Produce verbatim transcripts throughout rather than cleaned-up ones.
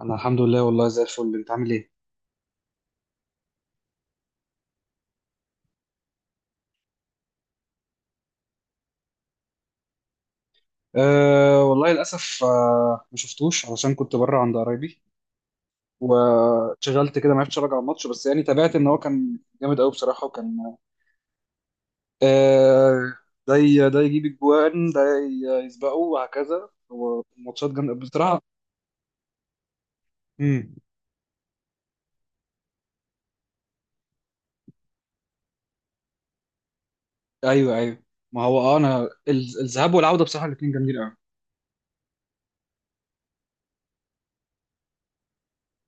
انا الحمد لله، والله زي الفل. انت عامل ايه؟ أه، والله للاسف. أه ما شفتوش علشان كنت بره عند قرايبي. وشغلت كده ما عرفتش اراجع الماتش، بس يعني تابعت ان هو كان جامد قوي بصراحه. وكان أه ده ي- ده يجيب الجوان، ده ي- يسبقه، وهكذا. هو ماتشات جامده بصراحه. امم. ايوه، ايوه. ما هو، اه انا... ال- الذهاب والعوده بصراحه الاثنين جامدين قوي.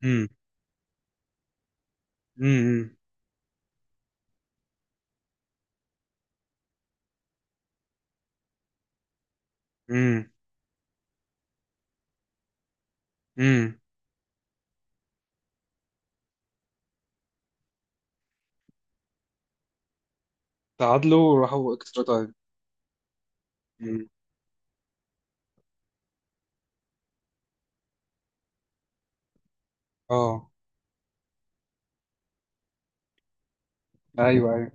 امم. امم. امم. امم. تعادلوا وراحوا اكسترا تايم. امم. اه. ايوه،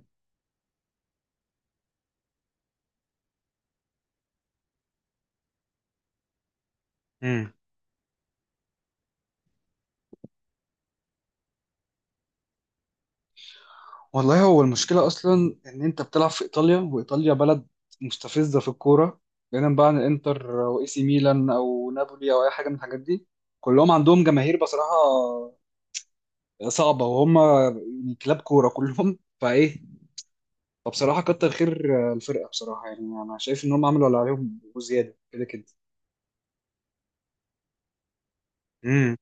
ايوه. والله، هو المشكلة أصلا إن أنت بتلعب في إيطاليا، وإيطاليا بلد مستفزة في الكورة. بعيدا بقى عن الإنتر وإي سي ميلان أو نابولي أو أي حاجة من الحاجات دي، كلهم عندهم جماهير بصراحة صعبة. وهم يعني كلاب كورة كلهم فإيه، فبصراحة كتر خير الفرقة بصراحة، يعني أنا شايف إن هم عملوا اللي عليهم وزيادة كده كده. امم.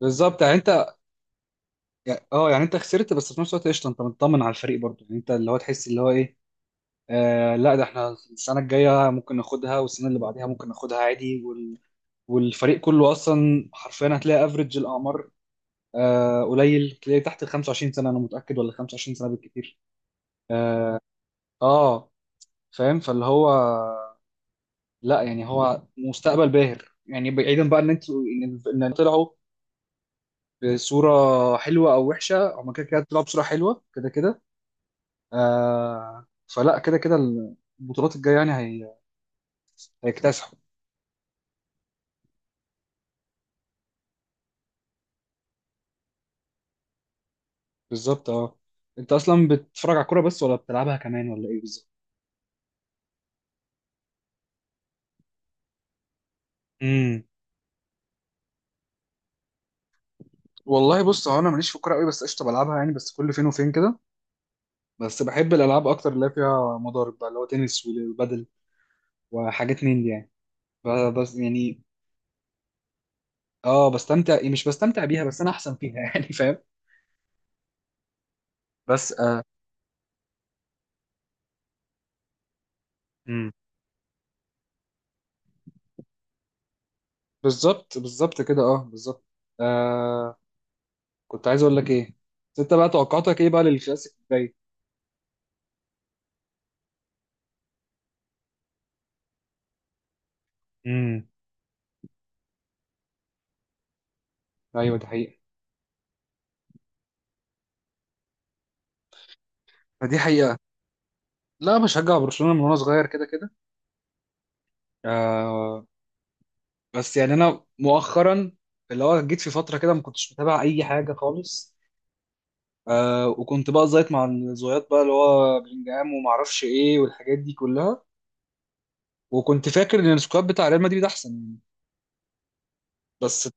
بالظبط يعني أنت... أه، يعني أنت خسرت، بس في نفس الوقت قشطة، أنت مطمن على الفريق برضه، يعني أنت اللي هو تحس اللي هو إيه. آه لا، ده احنا السنة الجاية ممكن ناخدها، والسنة اللي بعدها ممكن ناخدها عادي. وال... والفريق كله أصلا حرفيا هتلاقي افريج الأعمار. آه قليل تلاقي تحت ال خمسة وعشرين سنة، أنا متأكد، ولا خمسة وعشرين سنة بالكتير. اه. آه، فاهم. فاللي هو لا، يعني هو مستقبل باهر، يعني بعيدا بقى ان انتوا ان إن طلعوا بصورة حلوة او وحشة، هما كده كده طلعوا بصورة حلوة كده كده. آه فلا، كده كده. البطولات الجاية يعني هي- هيكتسحوا. بالظبط. اه انت اصلا بتتفرج على الكوره بس، ولا بتلعبها كمان، ولا ايه بالظبط؟ امم. والله بص، هو انا ماليش في الكوره قوي، بس قشطه بلعبها يعني، بس كل فين وفين كده. بس بحب الالعاب اكتر اللي هي فيها مضارب بقى، اللي هو تنس وبادل وحاجات من دي يعني، ب- بس يعني. اه، بستمتع، يعني مش بستمتع بيها بس انا احسن فيها يعني فاهم. بس آه امم. بالظبط، بالظبط كده. اه، بالظبط. آه كنت عايز اقول لك ايه. بس انت بقى، توقعاتك ايه بقى للكلاسيك الجاي؟ امم. ايوه، دي حقيقة. فدي حقيقة. لا، بشجع برشلونة من وانا صغير كده كده. آه بس يعني انا مؤخرا، اللي هو جيت في فترة كده ما كنتش متابع اي حاجة خالص. آه وكنت بقى زيط مع الزويات بقى، اللي هو بلينجهام وما اعرفش ايه والحاجات دي كلها. وكنت فاكر ان السكواد بتاع ريال مدريد احسن يعني. بس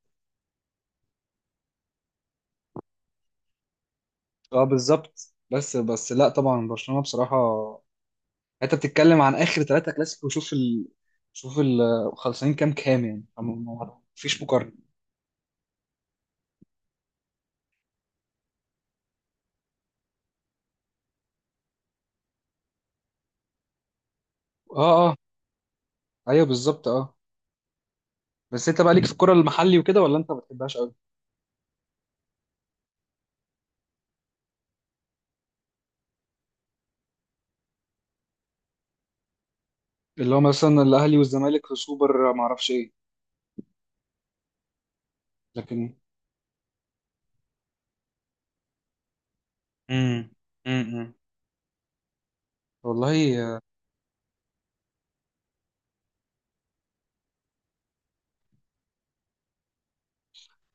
اه بالظبط. بس بس لا، طبعا برشلونة بصراحة. انت بتتكلم عن اخر ثلاثة كلاسيكو، وشوف ال... شوف ال... خلصانين كام كام يعني. فما- ما- مفيش مقارنة. اه، اه، ايوه. بالظبط. اه. بس انت بقى ليك في الكرة المحلي وكده، ولا انت ما بتحبهاش قوي؟ اللي هو مثلا الاهلي والزمالك في سوبر، ما اعرفش ايه. لكن... امم. امم. والله. آه،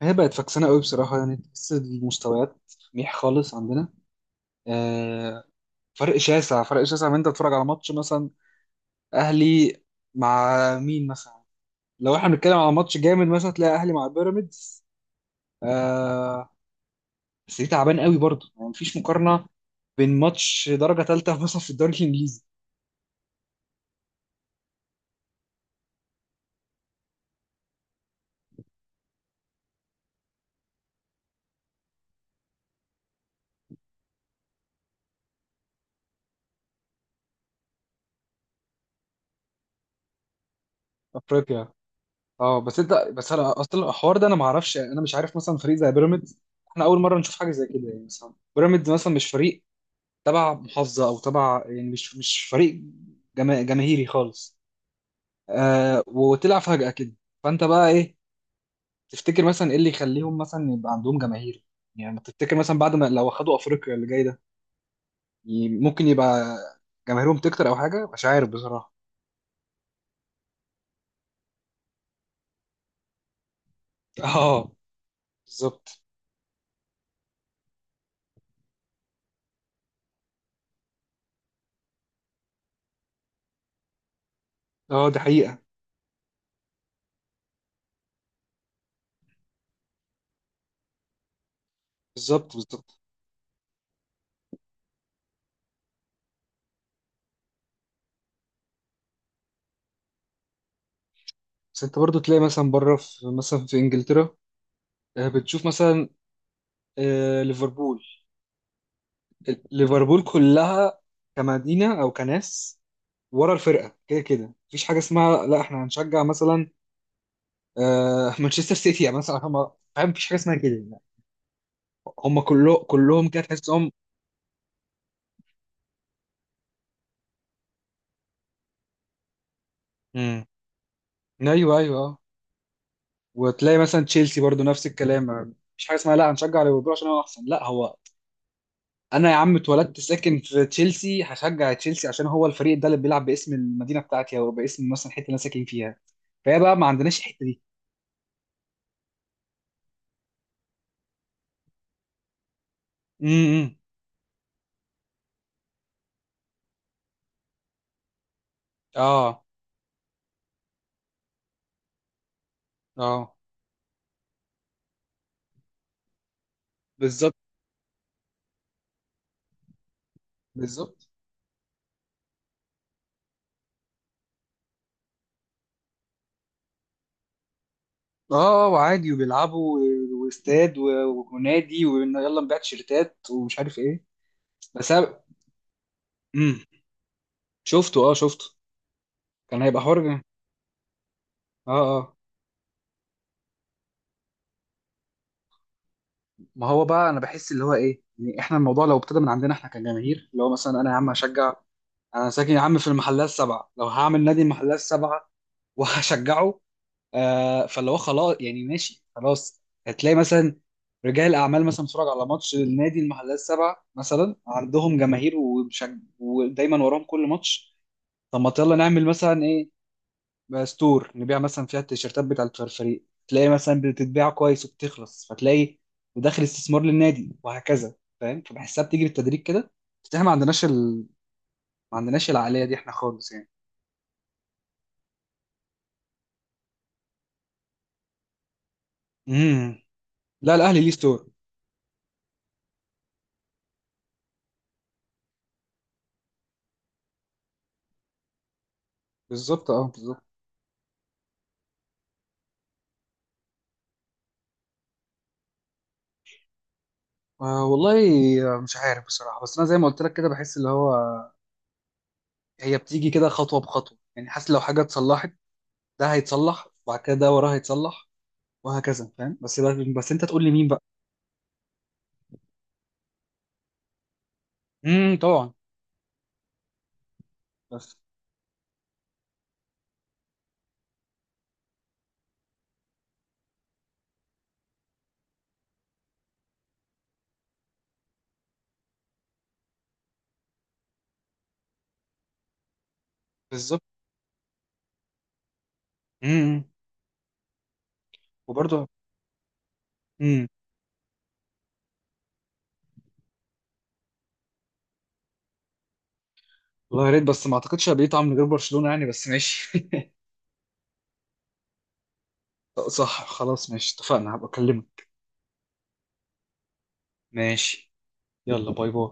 هي بقت فكسانة قوي بصراحة، يعني تحس المستويات ميح خالص عندنا. آه، فرق شاسع، فرق شاسع من انت تتفرج على ماتش مثلا اهلي مع مين مثلا؟ لو احنا بنتكلم على ماتش جامد مثلا، تلاقي اهلي مع بيراميدز. آه، بس دي تعبان قوي برضه، يعني مفيش مقارنة بين ماتش درجة تالتة مثلا في الدوري الانجليزي. افريقيا. اه. بس انت بس انا اصلا الحوار ده انا ما اعرفش، يعني انا مش عارف مثلا فريق زي بيراميدز. احنا اول مره نشوف حاجه زي كده، يعني مثلا بيراميدز مثلا مش فريق تبع محافظه او تبع، يعني مش مش فريق جما- جماهيري خالص. آه وطلع فجاه كده. فانت بقى ايه تفتكر مثلا؟ ايه اللي يخليهم مثلا يبقى عندهم جماهير؟ يعني ما تفتكر مثلا بعد ما لو خدوا افريقيا اللي جاي ده، ي- ممكن يبقى جماهيرهم تكتر او حاجه، مش عارف بصراحه. اه، بالظبط. اه، دي حقيقه. بالظبط، بالظبط. بس انت برضو تلاقي مثلا بره، في مثلا في انجلترا. آه، بتشوف مثلا آه، ليفربول. ليفربول كلها كمدينه او كناس ورا الفرقه كده كده. مفيش حاجه اسمها لا احنا هنشجع مثلا آه، مانشستر سيتي يعني مثلا. هم فاهم، مفيش حاجه اسمها كده يعني. هم كله كلهم كده تحسهم. امم. ايوه، ايوه، اه. وتلاقي مثلا تشيلسي برضو نفس الكلام. مفيش حاجه اسمها لا هنشجع ليفربول عشان هو احسن. لا، هو انا يا عم اتولدت ساكن في تشيلسي، هشجع تشيلسي عشان هو الفريق ده اللي بيلعب باسم المدينه بتاعتي او باسم مثلا الحته اللي انا ساكن فيها. فهي بقى ما عندناش الحته دي. امم. اه، اه، بالظبط، بالظبط، اه. آه، وعادي وبيلعبوا و- واستاد و- ونادي، ويلا نبيع تيشيرتات ومش عارف ايه. بس أنا- امم. شفته، اه شفته. كان هيبقى حر. اه، اه. ما هو بقى انا بحس اللي هو ايه، يعني احنا الموضوع لو ابتدى من عندنا احنا كجماهير، اللي هو مثلا انا يا عم هشجع. انا ساكن يا عم في المحلات السبعه، لو هعمل نادي المحلات السبعه وهشجعه. آه فاللي هو خلاص يعني ماشي. خلاص هتلاقي مثلا رجال اعمال مثلا بتتفرج على ماتش النادي المحلات السبعه مثلا، عندهم جماهير وبشج... ودايما وراهم كل ماتش. طب ما يلا نعمل مثلا ايه؟ بقى ستور نبيع مثلا فيها التيشيرتات بتاعه الفريق، تلاقي مثلا بتتباع كويس وبتخلص. فتلاقي وداخل استثمار للنادي وهكذا، فاهم. فبحسها بتيجي بالتدريج كده. بس احنا ما عندناش ال... ما عندناش العقليه دي احنا خالص يعني. امم. لا، الاهلي ليه ستور. بالظبط، اه، بالظبط. آه والله. آه، مش عارف بصراحه، بس انا زي ما قلت لك كده بحس اللي هو هي بتيجي كده خطوه بخطوه، يعني حاسس لو حاجه اتصلحت، ده هيتصلح، وبعد كده ده وراه هيتصلح، وهكذا فاهم. بس بقى، بس انت تقول لي مين بقى. امم. طبعا. بس. بالظبط. امم. وبرضه. امم. والله يا ريت، بس ما اعتقدش هبقى طعم من غير برشلونه يعني، بس ماشي. صح. خلاص، ماشي، اتفقنا. هبقى اكلمك. ماشي. يلا، باي باي.